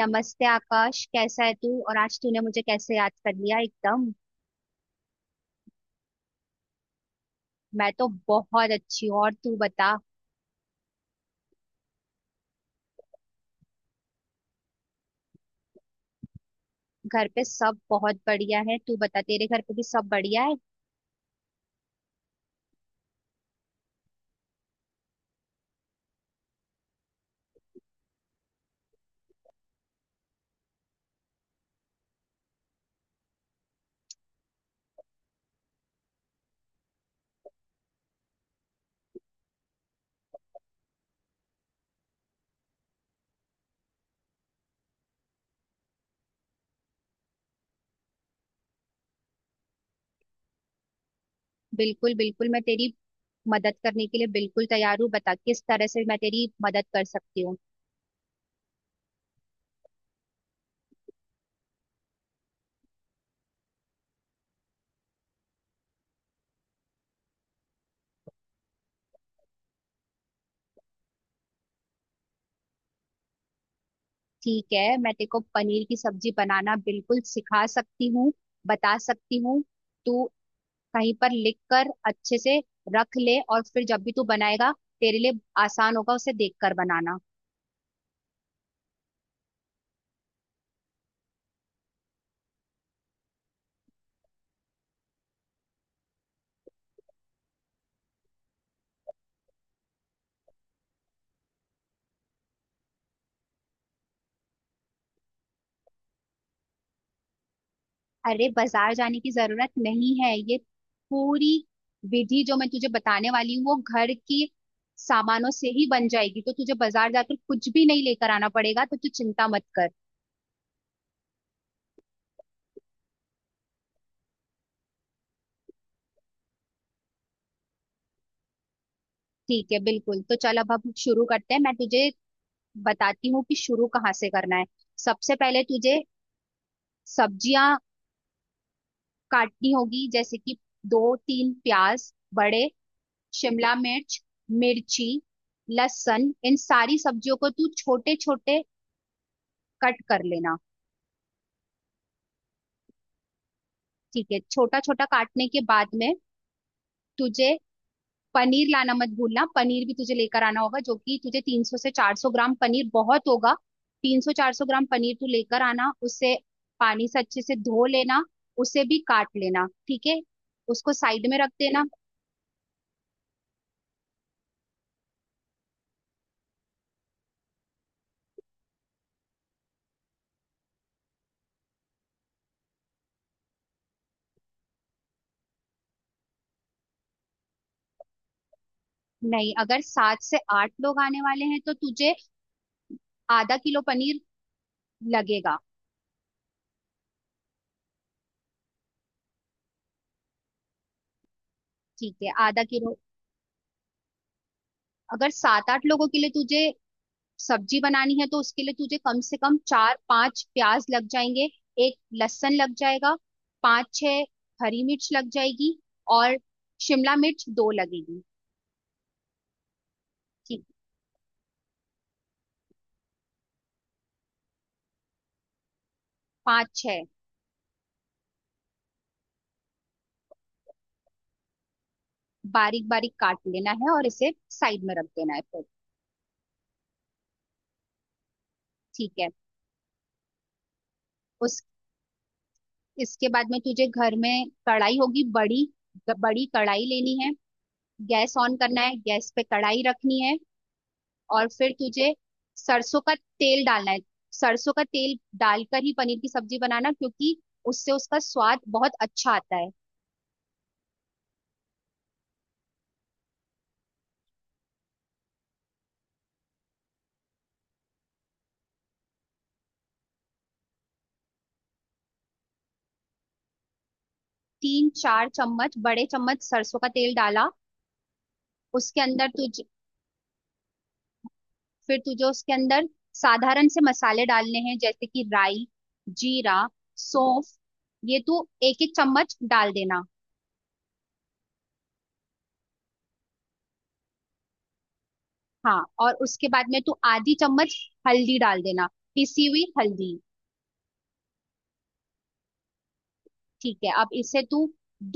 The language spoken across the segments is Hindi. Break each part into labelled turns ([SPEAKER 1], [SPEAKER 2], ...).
[SPEAKER 1] नमस्ते आकाश, कैसा है तू? और आज तूने मुझे कैसे याद कर लिया एकदम? मैं तो बहुत अच्छी हूँ, और तू बता। घर पे सब बहुत बढ़िया है, तू बता, तेरे घर पे भी सब बढ़िया है? बिल्कुल बिल्कुल, मैं तेरी मदद करने के लिए बिल्कुल तैयार हूँ। बता किस तरह से मैं तेरी मदद कर सकती हूँ। ठीक है, मैं तेरे को पनीर की सब्जी बनाना बिल्कुल सिखा सकती हूँ, बता सकती हूँ। तू कहीं पर लिख कर अच्छे से रख ले, और फिर जब भी तू बनाएगा, तेरे लिए आसान होगा उसे देख कर बनाना। अरे, बाजार जाने की जरूरत नहीं है। ये पूरी विधि जो मैं तुझे बताने वाली हूँ, वो घर की सामानों से ही बन जाएगी, तो तुझे बाजार जाकर कुछ भी नहीं लेकर आना पड़ेगा, तो तू चिंता मत कर। ठीक है, बिल्कुल। तो चल अब हम शुरू करते हैं, मैं तुझे बताती हूँ कि शुरू कहाँ से करना है। सबसे पहले तुझे सब्जियां काटनी होगी, जैसे कि दो तीन प्याज बड़े, शिमला मिर्च, मिर्ची, लहसुन। इन सारी सब्जियों को तू छोटे छोटे कट कर लेना। ठीक है, छोटा छोटा काटने के बाद में तुझे पनीर लाना मत भूलना, पनीर भी तुझे लेकर आना होगा, जो कि तुझे 300 से 400 ग्राम पनीर बहुत होगा। 300 400 ग्राम पनीर तू लेकर आना, उसे पानी से अच्छे से धो लेना, उसे भी काट लेना, ठीक है, उसको साइड में रख देना। नहीं, अगर सात से आठ लोग आने वाले हैं तो तुझे आधा किलो पनीर लगेगा। ठीक है, आधा किलो। अगर सात आठ लोगों के लिए तुझे सब्जी बनानी है तो उसके लिए तुझे कम से कम चार पांच प्याज लग जाएंगे, एक लहसुन लग जाएगा, पांच छह हरी मिर्च लग जाएगी, और शिमला मिर्च दो लगेगी। ठीक। पांच छह बारीक बारीक काट लेना है और इसे साइड में रख देना है फिर। ठीक है, उस इसके बाद में तुझे घर में कढ़ाई होगी, बड़ी बड़ी कढ़ाई लेनी है। गैस ऑन करना है, गैस पे कढ़ाई रखनी है, और फिर तुझे सरसों का तेल डालना है। सरसों का तेल डालकर ही पनीर की सब्जी बनाना, क्योंकि उससे उसका स्वाद बहुत अच्छा आता है। 3-4 चम्मच, बड़े चम्मच सरसों का तेल डाला उसके अंदर तुझ फिर तुझे उसके अंदर साधारण से मसाले डालने हैं, जैसे कि राई, जीरा, सौंफ, ये तू एक एक चम्मच डाल देना। हाँ, और उसके बाद में तू आधी चम्मच हल्दी डाल देना, पिसी हुई हल्दी। ठीक है, अब इसे तू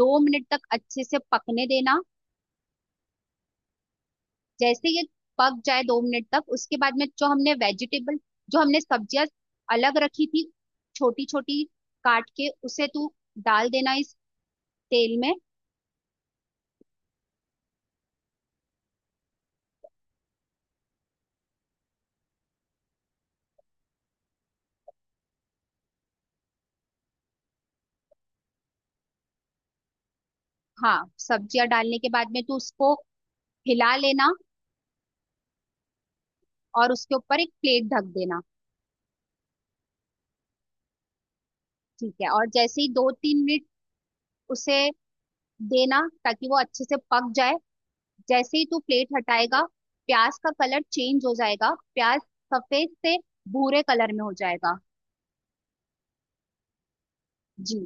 [SPEAKER 1] 2 मिनट तक अच्छे से पकने देना। जैसे ये पक जाए 2 मिनट तक, उसके बाद में जो हमने सब्जियां अलग रखी थी छोटी छोटी काट के, उसे तू डाल देना इस तेल में। हाँ, सब्जियां डालने के बाद में तू उसको हिला लेना, और उसके ऊपर एक प्लेट ढक देना। ठीक है, और जैसे ही 2-3 मिनट उसे देना ताकि वो अच्छे से पक जाए। जैसे ही तू प्लेट हटाएगा, प्याज का कलर चेंज हो जाएगा, प्याज सफेद से भूरे कलर में हो जाएगा। जी,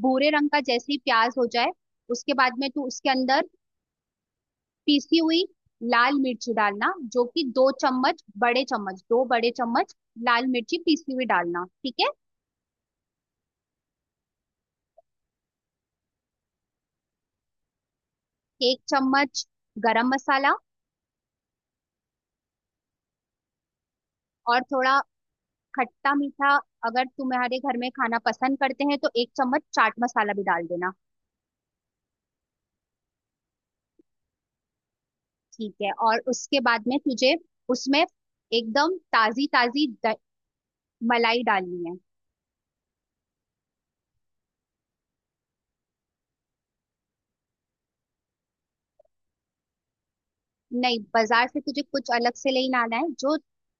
[SPEAKER 1] भूरे रंग का। जैसे ही प्याज हो जाए, उसके बाद में तू उसके अंदर पीसी हुई लाल मिर्च डालना, जो कि 2 चम्मच, बड़े चम्मच, 2 बड़े चम्मच लाल मिर्ची पीसी हुई डालना। ठीक है, 1 चम्मच गरम मसाला, और थोड़ा खट्टा मीठा अगर तुम्हारे घर में खाना पसंद करते हैं तो 1 चम्मच चाट मसाला भी डाल देना। ठीक है, और उसके बाद में तुझे उसमें एकदम ताजी ताजी मलाई डालनी है। नहीं, बाजार से तुझे कुछ अलग से लेना आना है, जो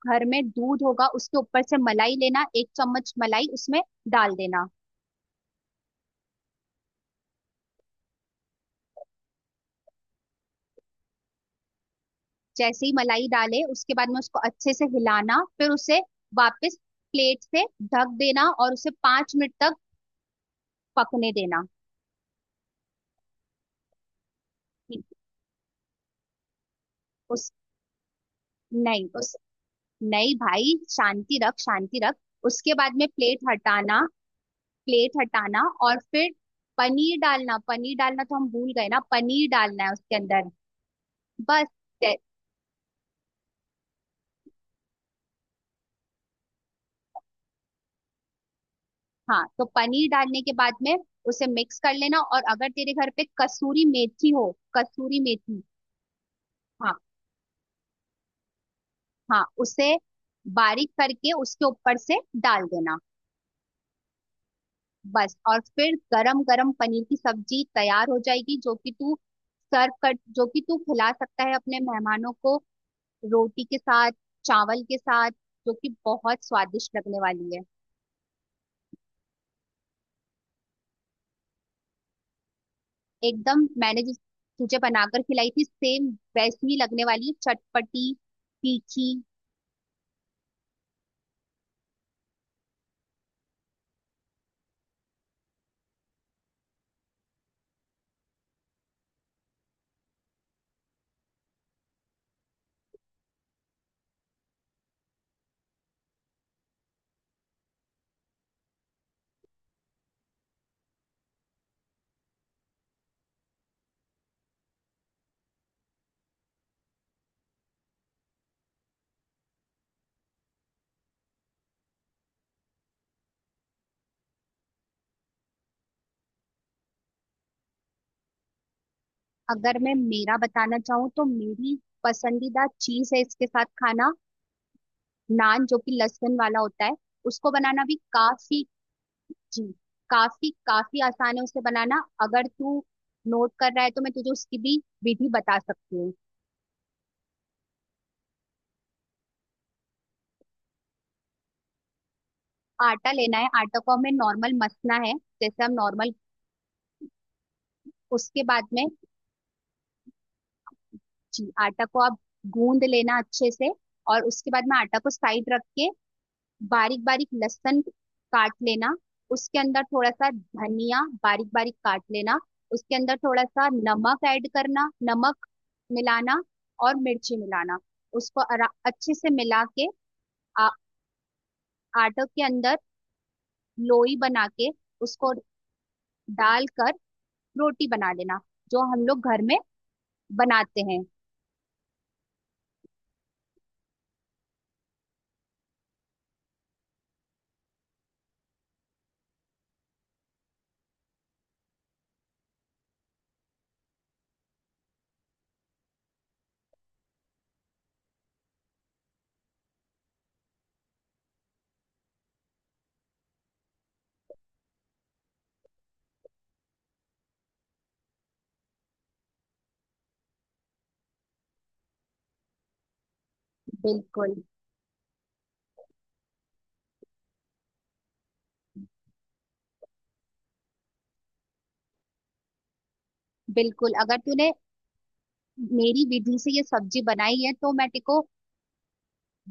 [SPEAKER 1] घर में दूध होगा उसके ऊपर से मलाई लेना, 1 चम्मच मलाई उसमें डाल देना। जैसे ही मलाई डाले, उसके बाद में उसको अच्छे से हिलाना, फिर उसे वापस प्लेट से ढक देना, और उसे 5 मिनट तक पकने देना। ठीक। उस नहीं, उस नहीं, भाई, शांति रख, शांति रख। उसके बाद में प्लेट हटाना, प्लेट हटाना, और फिर पनीर डालना। पनीर डालना तो हम भूल गए ना, पनीर डालना है उसके अंदर, बस। हाँ, तो पनीर डालने के बाद में उसे मिक्स कर लेना, और अगर तेरे घर पे कसूरी मेथी हो, कसूरी मेथी, हाँ हाँ, उसे बारीक करके उसके ऊपर से डाल देना, बस। और फिर गरम गरम पनीर की सब्जी तैयार हो जाएगी, जो कि तू सर्व कर, जो कि तू खिला सकता है अपने मेहमानों को रोटी के साथ, चावल के साथ, जो कि बहुत स्वादिष्ट लगने वाली है। एकदम। मैंने जिस तुझे बनाकर खिलाई थी, सेम वैसी ही लगने वाली है, चटपटी, तीखी। अगर मैं मेरा बताना चाहूँ तो मेरी पसंदीदा चीज है इसके साथ खाना नान, जो कि लहसुन वाला होता है, उसको बनाना भी काफी। जी, काफी काफी आसान है उसे बनाना। अगर तू नोट कर रहा है तो मैं तुझे उसकी भी विधि बता सकती हूँ। आटा लेना है, आटा को हमें नॉर्मल मसना है, जैसे हम नॉर्मल। उसके बाद में, जी, आटा को आप गूंद लेना अच्छे से, और उसके बाद में आटा को साइड रख के बारीक बारीक लहसुन काट लेना, उसके अंदर थोड़ा सा धनिया बारीक बारीक काट लेना, उसके अंदर थोड़ा सा नमक ऐड करना, नमक मिलाना, और मिर्ची मिलाना। उसको अच्छे से मिला के, आ, आटे के अंदर लोई बना के उसको डालकर रोटी बना लेना, जो हम लोग घर में बनाते हैं। बिल्कुल बिल्कुल। अगर तूने मेरी विधि से ये सब्जी बनाई है तो मैं तेको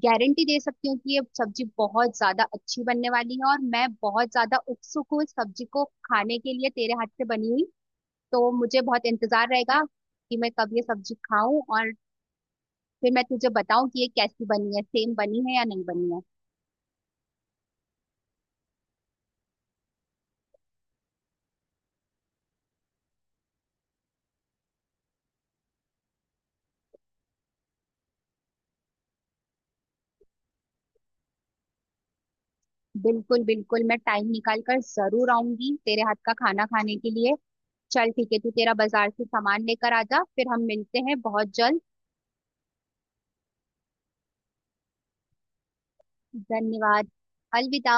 [SPEAKER 1] गारंटी दे सकती हूँ कि ये सब्जी बहुत ज्यादा अच्छी बनने वाली है, और मैं बहुत ज्यादा उत्सुक हूँ इस सब्जी को खाने के लिए, तेरे हाथ से बनी हुई। तो मुझे बहुत इंतजार रहेगा कि मैं कब ये सब्जी खाऊं, और फिर मैं तुझे बताऊं कि ये कैसी बनी है, सेम बनी है या नहीं बनी है। बिल्कुल बिल्कुल, मैं टाइम निकाल कर जरूर आऊंगी तेरे हाथ का खाना खाने के लिए। चल ठीक है, तू तेरा बाजार से सामान लेकर आ जा, फिर हम मिलते हैं बहुत जल्द। धन्यवाद। अलविदा।